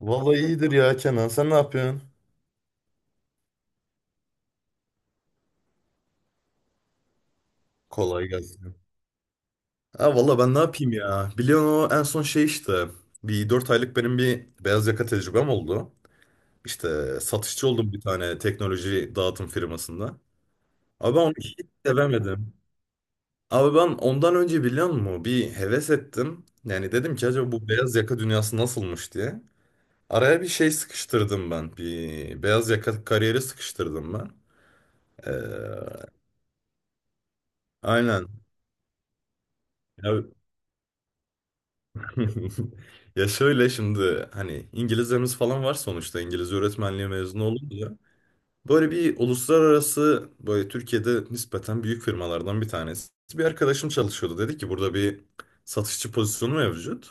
Vallahi iyidir ya Kenan. Sen ne yapıyorsun? Kolay gelsin. Ha valla ben ne yapayım ya? Biliyorsun o en son şey işte. Bir 4 aylık benim bir beyaz yaka tecrübem oldu. İşte satışçı oldum bir tane teknoloji dağıtım firmasında. Abi ben onu hiç sevemedim. Abi ben ondan önce biliyor musun? Bir heves ettim. Yani dedim ki acaba bu beyaz yaka dünyası nasılmış diye. Araya bir şey sıkıştırdım ben. Bir beyaz yaka kariyeri sıkıştırdım ben. Ee, aynen. Ya Ya şöyle şimdi hani İngilizlerimiz falan var sonuçta İngiliz öğretmenliği mezunu olunca böyle bir uluslararası böyle Türkiye'de nispeten büyük firmalardan bir tanesi. Bir arkadaşım çalışıyordu dedi ki burada bir satışçı pozisyonu mevcut.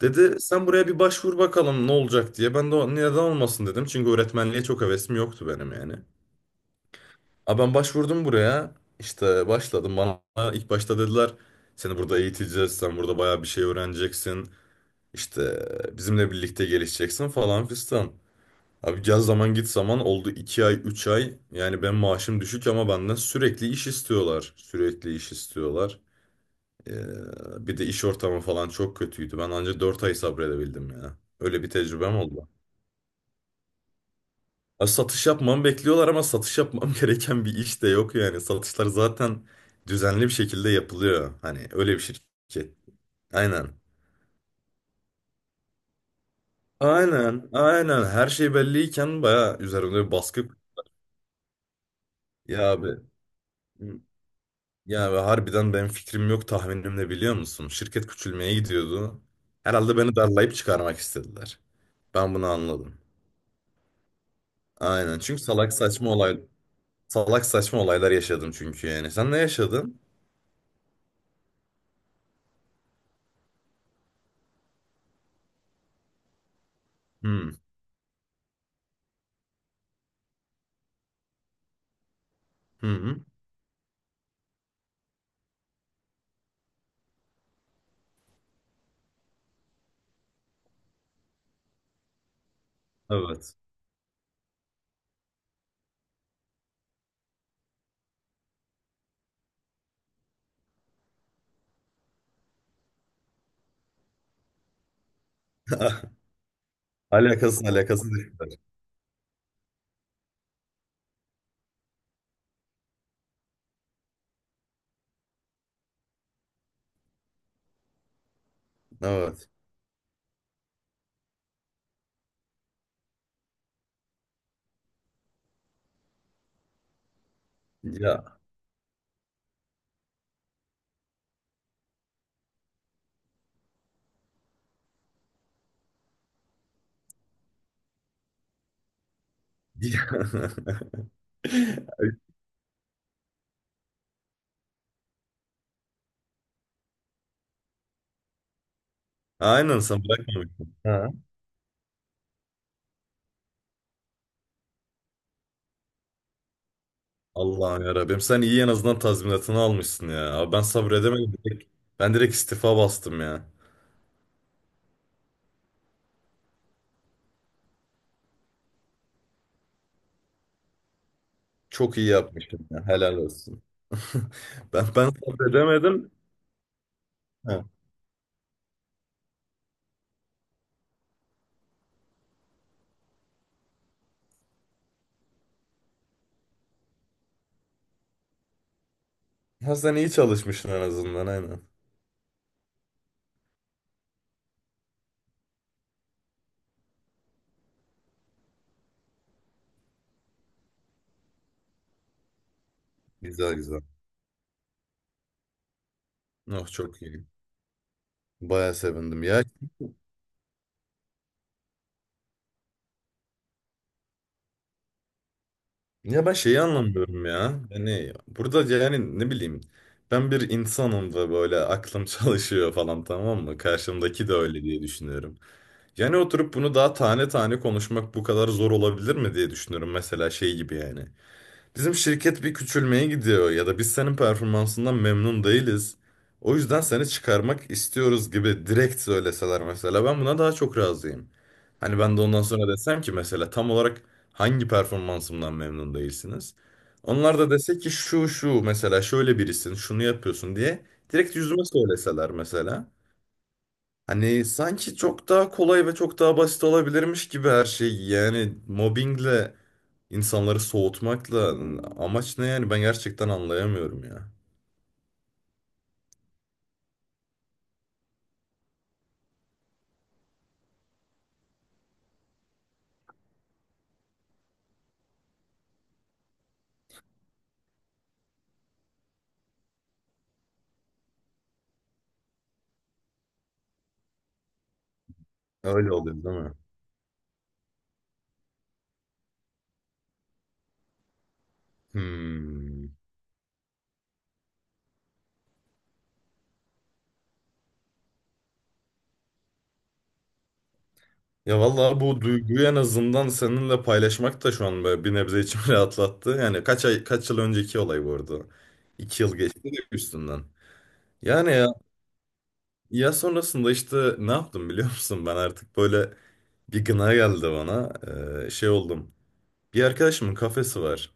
Dedi sen buraya bir başvur bakalım ne olacak diye. Ben de "O- neden olmasın dedim çünkü öğretmenliğe çok hevesim yoktu benim yani. Ama ben başvurdum buraya işte başladım bana ilk başta dediler seni burada eğiteceğiz sen burada bayağı bir şey öğreneceksin. İşte bizimle birlikte gelişeceksin falan fistan. Abi gel zaman git zaman oldu 2 ay 3 ay. Yani ben maaşım düşük ama benden sürekli iş istiyorlar. Sürekli iş istiyorlar. Bir de iş ortamı falan çok kötüydü. Ben ancak 4 ay sabredebildim ya. Öyle bir tecrübem oldu. Ya satış yapmamı bekliyorlar ama satış yapmam gereken bir iş de yok yani. Satışlar zaten düzenli bir şekilde yapılıyor. Hani öyle bir şirket. Aynen. Aynen, aynen. Her şey belliyken bayağı üzerimde bir baskı. Ya abi, ya abi, harbiden benim fikrim yok tahminim ne biliyor musun? Şirket küçülmeye gidiyordu. Herhalde beni darlayıp çıkarmak istediler. Ben bunu anladım. Aynen. Çünkü salak saçma olaylar yaşadım çünkü yani. Sen ne yaşadın? Hmm. Hı hı. Evet. Alakasız alakasız işler. Evet. Ya. Aynen sen bırakmamışsın. Ha. Allah'ım yarabbim. Sen iyi en azından tazminatını almışsın ya. Abi ben sabredemedim. Direkt- Ben direkt istifa bastım ya. Çok iyi yapmışım ya. Helal olsun. Ben edemedim. Ha. Ha, sen iyi çalışmışsın en azından aynen. Güzel güzel. Oh çok iyi. Baya sevindim ya. Ya ben şeyi anlamıyorum ya. Yani burada yani ne bileyim. Ben bir insanım ve böyle aklım çalışıyor falan tamam mı? Karşımdaki de öyle diye düşünüyorum. Yani oturup bunu daha tane tane konuşmak bu kadar zor olabilir mi diye düşünüyorum. Mesela şey gibi yani. Bizim şirket bir küçülmeye gidiyor ya da biz senin performansından memnun değiliz. O yüzden seni çıkarmak istiyoruz gibi direkt söyleseler mesela ben buna daha çok razıyım. Hani ben de ondan sonra desem ki mesela tam olarak hangi performansımdan memnun değilsiniz? Onlar da dese ki şu şu mesela şöyle birisin şunu yapıyorsun diye direkt yüzüme söyleseler mesela. Hani sanki çok daha kolay ve çok daha basit olabilirmiş gibi her şey. Yani mobbingle insanları soğutmakla amaç ne yani ben gerçekten anlayamıyorum ya. Öyle oluyor değil mi? Hmm. Ya vallahi bu duyguyu en azından seninle paylaşmak da şu an böyle bir nebze içimi rahatlattı. Yani kaç ay kaç yıl önceki olay bu arada. 2 yıl geçti de üstünden. Yani ya sonrasında işte ne yaptım biliyor musun? Ben artık böyle bir gına geldi bana. Şey oldum. Bir arkadaşımın kafesi var.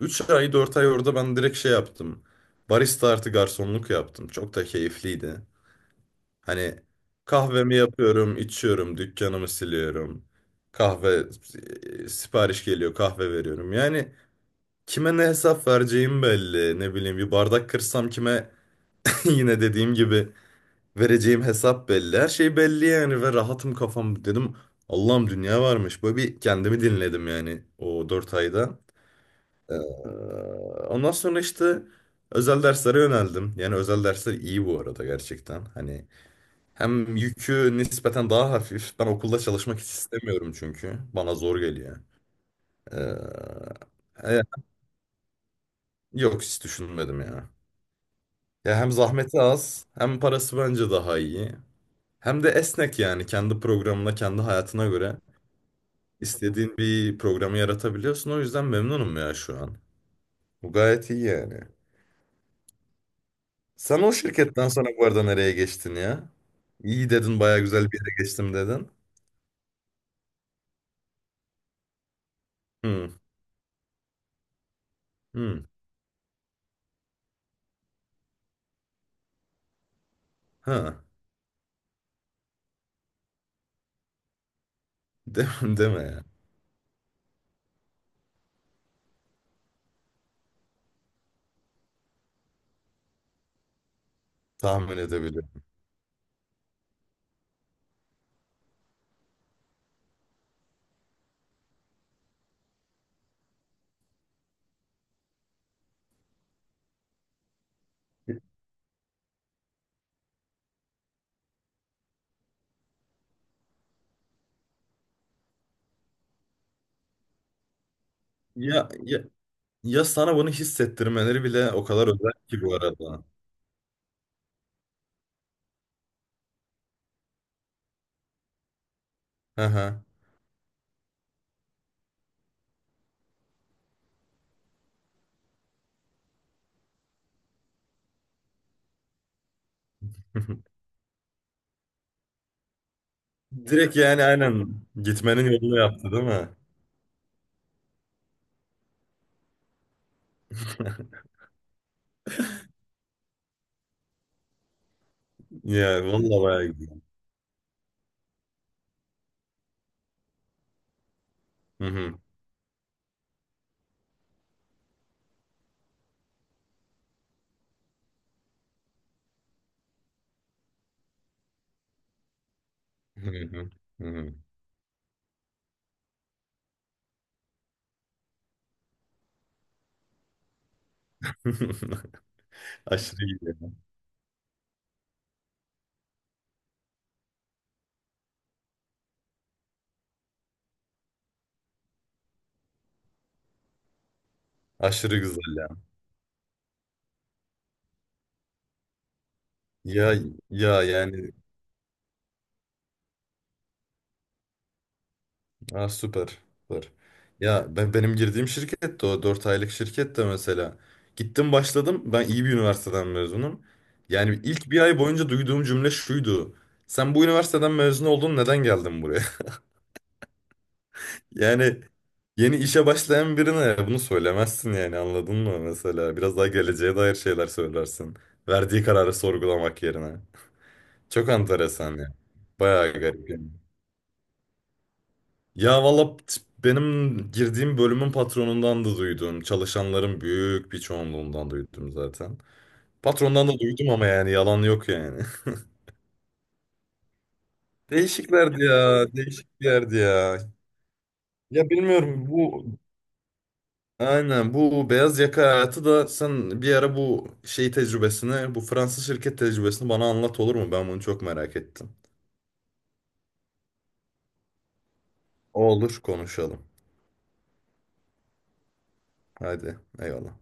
3 ay 4 ay orada ben direkt şey yaptım. Barista artı garsonluk yaptım. Çok da keyifliydi. Hani kahvemi yapıyorum, içiyorum, dükkanımı siliyorum. Kahve sipariş geliyor, kahve veriyorum. Yani kime ne hesap vereceğim belli. Ne bileyim bir bardak kırsam kime yine dediğim gibi vereceğim hesap belli. Her şey belli yani ve rahatım kafam dedim. Allah'ım dünya varmış. Böyle bir kendimi dinledim yani o 4 ayda. Ee, ondan sonra işte özel derslere yöneldim. Yani özel dersler iyi bu arada gerçekten. Hani hem yükü nispeten daha hafif. Ben okulda çalışmak hiç istemiyorum çünkü. Bana zor geliyor. Ee, e, yok hiç düşünmedim ya. Ya hem zahmeti az, hem parası bence daha iyi. Hem de esnek yani kendi programına, kendi hayatına göre istediğin bir programı yaratabiliyorsun. O yüzden memnunum ya şu an. Bu gayet iyi yani. Sen o şirketten sonra bu arada nereye geçtin ya? İyi dedin baya güzel bir yere geçtim dedin. Hmm, hmm, ha. De deme ya. Tahmin edebiliyorum. Ya, ya, ya sana bunu hissettirmeleri bile o kadar özel ki bu arada. Hı hı. Direkt yani aynen gitmenin yolunu yaptı değil mi? Ya vallahi bayağı güzel. Hı hı. Hı hı. Hı hı. Aşırı iyi ya. Aşırı güzel ya. Ya ya yani. Ha, süper. Süper. Ya ben benim girdiğim şirket de o 4 aylık şirket de mesela. Gittim başladım. Ben iyi bir üniversiteden mezunum. Yani ilk bir ay boyunca duyduğum cümle şuydu. Sen bu üniversiteden mezun oldun neden geldin buraya? Yani yeni işe başlayan birine bunu söylemezsin yani anladın mı mesela? Biraz daha geleceğe dair şeyler söylersin. Verdiği kararı sorgulamak yerine. Çok enteresan ya. Bayağı garip yani. Ya valla benim girdiğim bölümün patronundan da duydum. Çalışanların büyük bir çoğunluğundan duydum zaten. Patrondan da duydum ama yani yalan yok yani. Değişiklerdi ya, değişiklerdi ya. Ya bilmiyorum bu aynen bu beyaz yaka hayatı da sen bir ara bu şey tecrübesini, bu Fransız şirket tecrübesini bana anlat olur mu? Ben bunu çok merak ettim. Olur konuşalım. Hadi eyvallah.